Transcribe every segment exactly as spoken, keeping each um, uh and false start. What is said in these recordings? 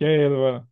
E aí, Luana?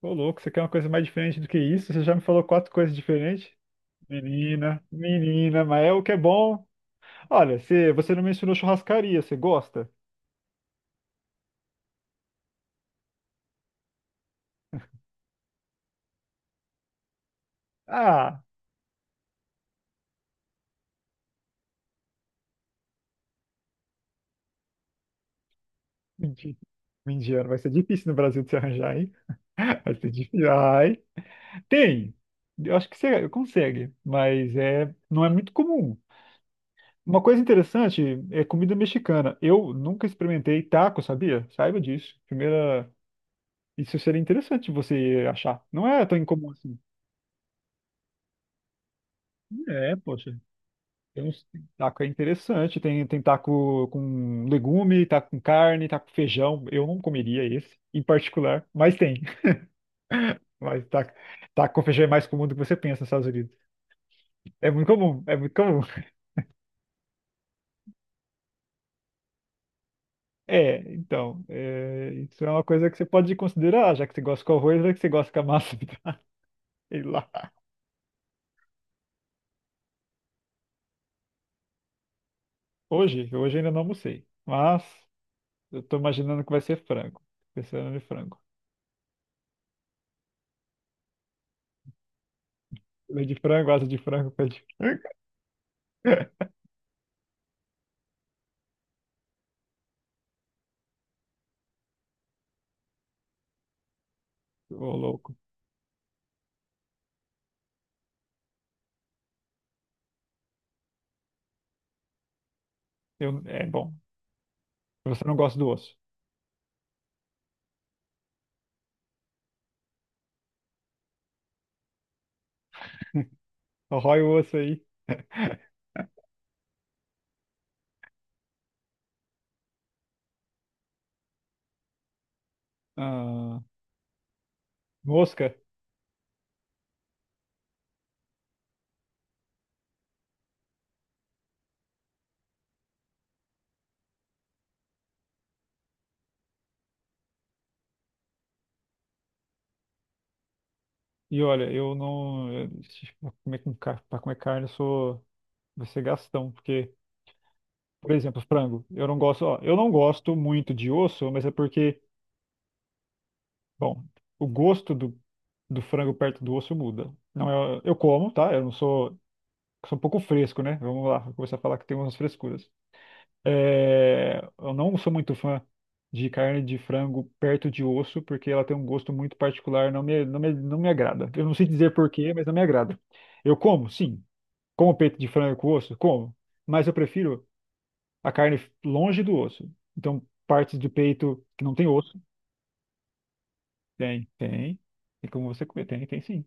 Ô, louco, você quer uma coisa mais diferente do que isso? Você já me falou quatro coisas diferentes? Menina, menina, mas é o que é bom. Olha, você, você não mencionou churrascaria, você gosta? Ah, mentira. Mendiano, vai ser difícil no Brasil de se arranjar, hein? Vai ser difícil. Ai, tem. Eu acho que você consegue, mas é, não é muito comum. Uma coisa interessante é comida mexicana. Eu nunca experimentei taco, sabia? Saiba disso. Primeira, isso seria interessante você achar. Não é tão incomum assim. É, poxa. Tem uns... Taco é interessante. Tem, tem taco com legume, taco com carne, taco com feijão. Eu não comeria esse, em particular, mas tem. Mas taco, taco com feijão é mais comum do que você pensa nos Estados Unidos. É muito comum, é muito comum. É, então, é, isso é uma coisa que você pode considerar, já que você gosta com arroz, já que você gosta com a massa. Sei lá. Hoje, hoje ainda não almocei, mas eu tô imaginando que vai ser frango. Pensando em frango. Meio de frango, asa de frango, pé de frango. Ô, louco. Eu, é bom. Você não gosta do osso. Arrói o osso aí. Ah, mosca. E olha, eu não. eu- pra comer, com, car- pra comer carne, eu sou. Vai ser gastão. Porque, por exemplo, frango. Eu não gosto. Ó, eu não gosto muito de osso, mas é porque, bom, o gosto do, do frango perto do osso muda. Não, eu, eu como, tá? Eu não sou. Sou um pouco fresco, né? Vamos lá, vou começar a falar que tem umas frescuras. É, eu não sou muito fã de carne de frango perto de osso, porque ela tem um gosto muito particular, não me, não me, não me agrada. Eu não sei dizer porquê, mas não me agrada. Eu como, sim. Como peito de frango com osso? Como. Mas eu prefiro a carne longe do osso. Então, partes do peito que não tem osso, tem, tem. Tem como você comer, tem, tem sim.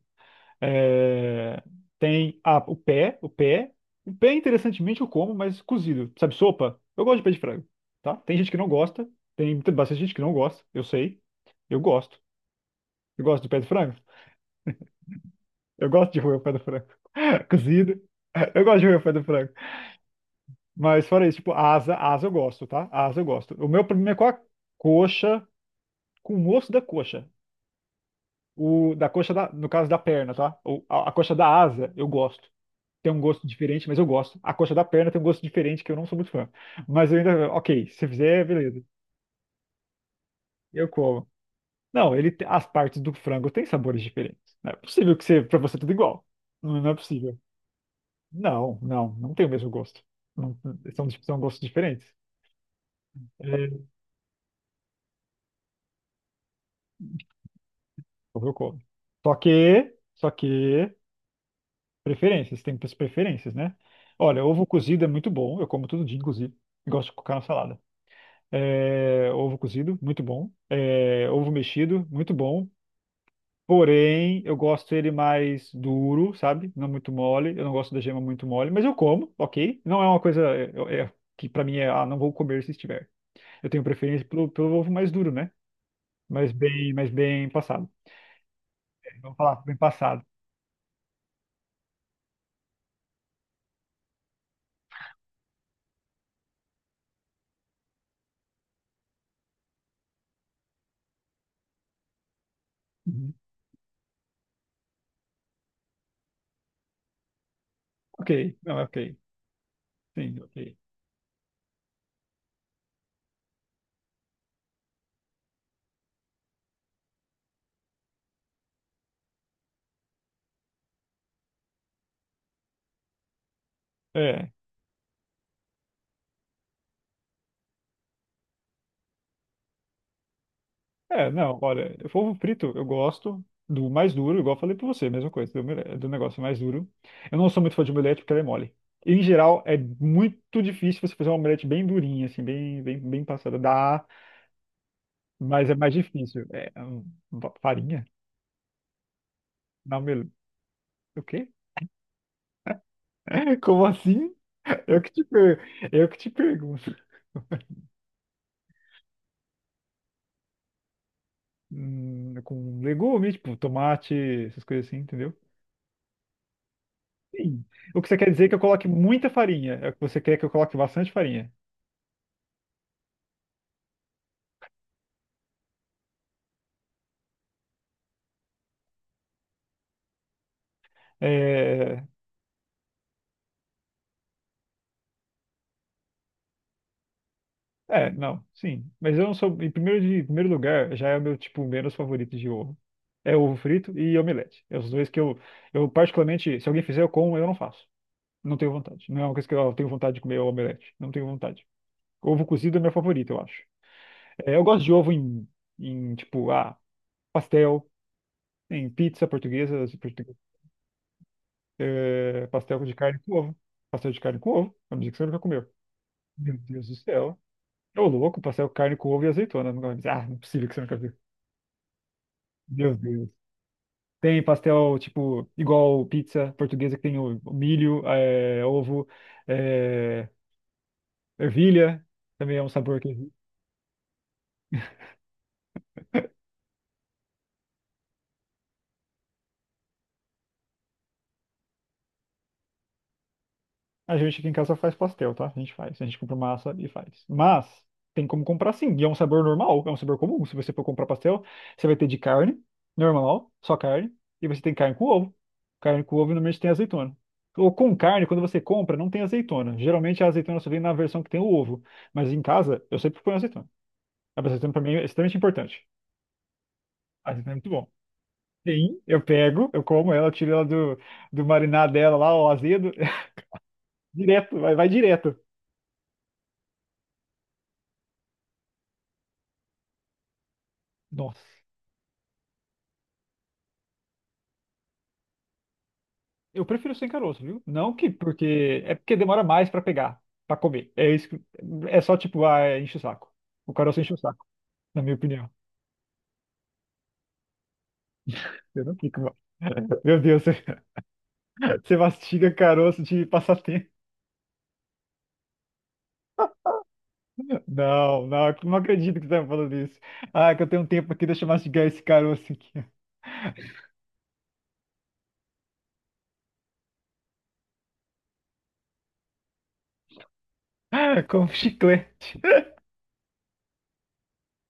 É, tem ah, o pé, o pé. O pé, interessantemente, eu como, mas cozido. Sabe, sopa? Eu gosto de pé de frango, tá? Tem gente que não gosta, tem, tem bastante gente que não gosta, eu sei. Eu gosto. Eu gosto de pé de frango. Eu gosto de roer o pé do frango. Cozido. Eu gosto de roer o pé do frango. Mas fora isso, tipo, asa, asa eu gosto, tá? Asa eu gosto. O meu problema é com a coxa, com o osso da coxa. O, da coxa, da, no caso da perna, tá? O, a, a coxa da asa eu gosto. Tem um gosto diferente, mas eu gosto. A coxa da perna tem um gosto diferente que eu não sou muito fã. Mas eu ainda, ok, se fizer, beleza. Eu como. Não, ele te- as partes do frango têm sabores diferentes. Não é possível que você, para você tudo igual. Não, não é possível. Não, não, não tem o mesmo gosto. Não- são, são gostos diferentes. É, eu como. Só que, só que preferências, tem pre- preferências, né? Olha, ovo cozido é muito bom, eu como todo dia, inclusive. Gosto de colocar na salada. É, ovo cozido, muito bom. É, ovo mexido, muito bom. Porém, eu gosto ele mais duro, sabe? Não muito mole. Eu não gosto da gema muito mole, mas eu como, ok? Não é uma coisa é, é- é, que pra mim é, ah, não vou comer se estiver. Eu tenho preferência pelo, pelo ovo mais duro, né? Mas bem, mas bem passado. É, vamos falar, bem passado. Uhum. Ok, não, é ok. Sim, ok. É. É, não, olha, polvo frito eu gosto do mais duro, igual eu falei pra você, mesma coisa, do, omele- do negócio mais duro. Eu não sou muito fã de omelete porque ela é mole. Em geral, é muito difícil você fazer uma omelete bem durinha, assim, bem, bem, bem passada. Dá, mas é mais difícil. É, hum, farinha? Na omelete. O quê? Como assim? Eu que te, per... eu que te pergunto. Hum, com legumes, tipo tomate, essas coisas assim, entendeu? Sim. O que você quer dizer é que eu coloque muita farinha. É o que você quer que eu coloque bastante farinha. É, é, não, sim. Mas eu não sou. Em primeiro, de, em primeiro lugar, já é o meu tipo menos favorito de ovo. É ovo frito e omelete. É os dois que eu, eu particularmente, se alguém fizer, eu como, eu não faço. Não tenho vontade. Não é uma coisa que eu tenho vontade de comer é omelete. Não tenho vontade. Ovo cozido é meu favorito, eu acho. É, eu gosto de ovo em, em tipo, ah, pastel, em pizza portuguesa, se portu- é, pastel de carne com ovo. Pastel de carne com ovo. A dizer que você nunca comeu. Meu Deus do céu. Ô, louco, pastel carne com ovo e azeitona. Nunca mais. Ah, não é possível que você nunca viu. Meu Deus. Tem pastel, tipo, igual pizza portuguesa, que tem o o milho, é, ovo, é, ervilha. Também é um sabor que a gente aqui em casa faz pastel, tá? A gente faz. A gente compra massa e faz. Mas tem como comprar sim. E é um sabor normal, é um sabor comum. Se você for comprar pastel, você vai ter de carne, normal, só carne. E você tem carne com ovo. Carne com ovo normalmente tem azeitona. Ou com carne, quando você compra, não tem azeitona. Geralmente a azeitona só vem na versão que tem o ovo. Mas em casa, eu sempre ponho azeitona. A azeitona pra mim é extremamente importante. A azeitona é muito bom. Sim, eu pego, eu como ela, eu tiro ela do, do marinar dela lá, o azedo, direto, vai, vai direto. Nossa. Eu prefiro sem caroço, viu? Não que porque é porque demora mais pra pegar, pra comer. É isso que- é só tipo, ah, é enche o saco. O caroço enche o saco, na minha opinião. Eu não fico. Mal. Meu Deus, você, você mastiga caroço de passatempo. Não, não, não acredito que você tá me falando isso. Ah, é que eu tenho um tempo aqui, deixa eu mastigar esse caroço aqui. Ah, como chiclete.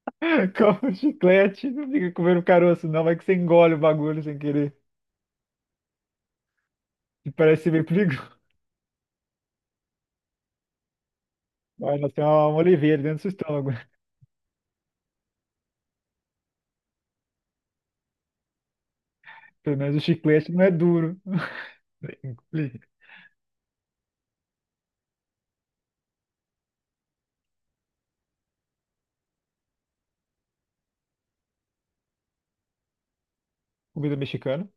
Como chiclete. Não fica comendo caroço, não. Vai que você engole o bagulho sem querer. E parece ser meio perigoso. Vai nascer uma uma oliveira dentro do seu estômago. Pelo menos o chiclete não é duro. Engolir. Comida mexicana?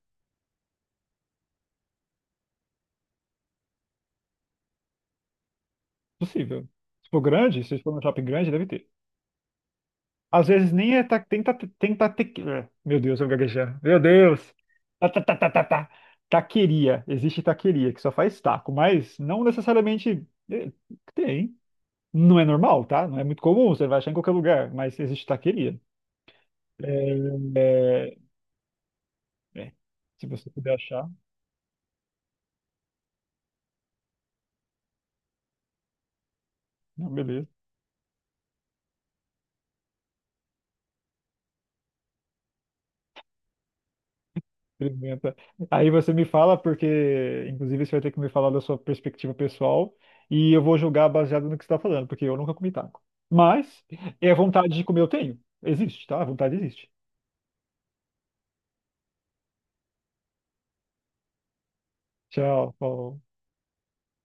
Possível. Se for grande, se for num shopping grande, deve ter. Às vezes nem é ta, tem ta, tem ta, tequila. Meu Deus, eu vou gaguejar. Meu Deus! Ta, ta, ta, ta, ta, ta. Taqueria. Existe taqueria, que só faz taco, mas não necessariamente é, tem. Não é normal, tá? Não é muito comum, você vai achar em qualquer lugar, mas existe taqueria. É, é, é. Se você puder achar, não, beleza. Experimenta. Aí você me fala, porque inclusive você vai ter que me falar da sua perspectiva pessoal e eu vou julgar baseado no que você está falando, porque eu nunca comi taco. Mas é vontade de comer eu tenho. Existe, tá? A vontade existe. Tchau. Falou.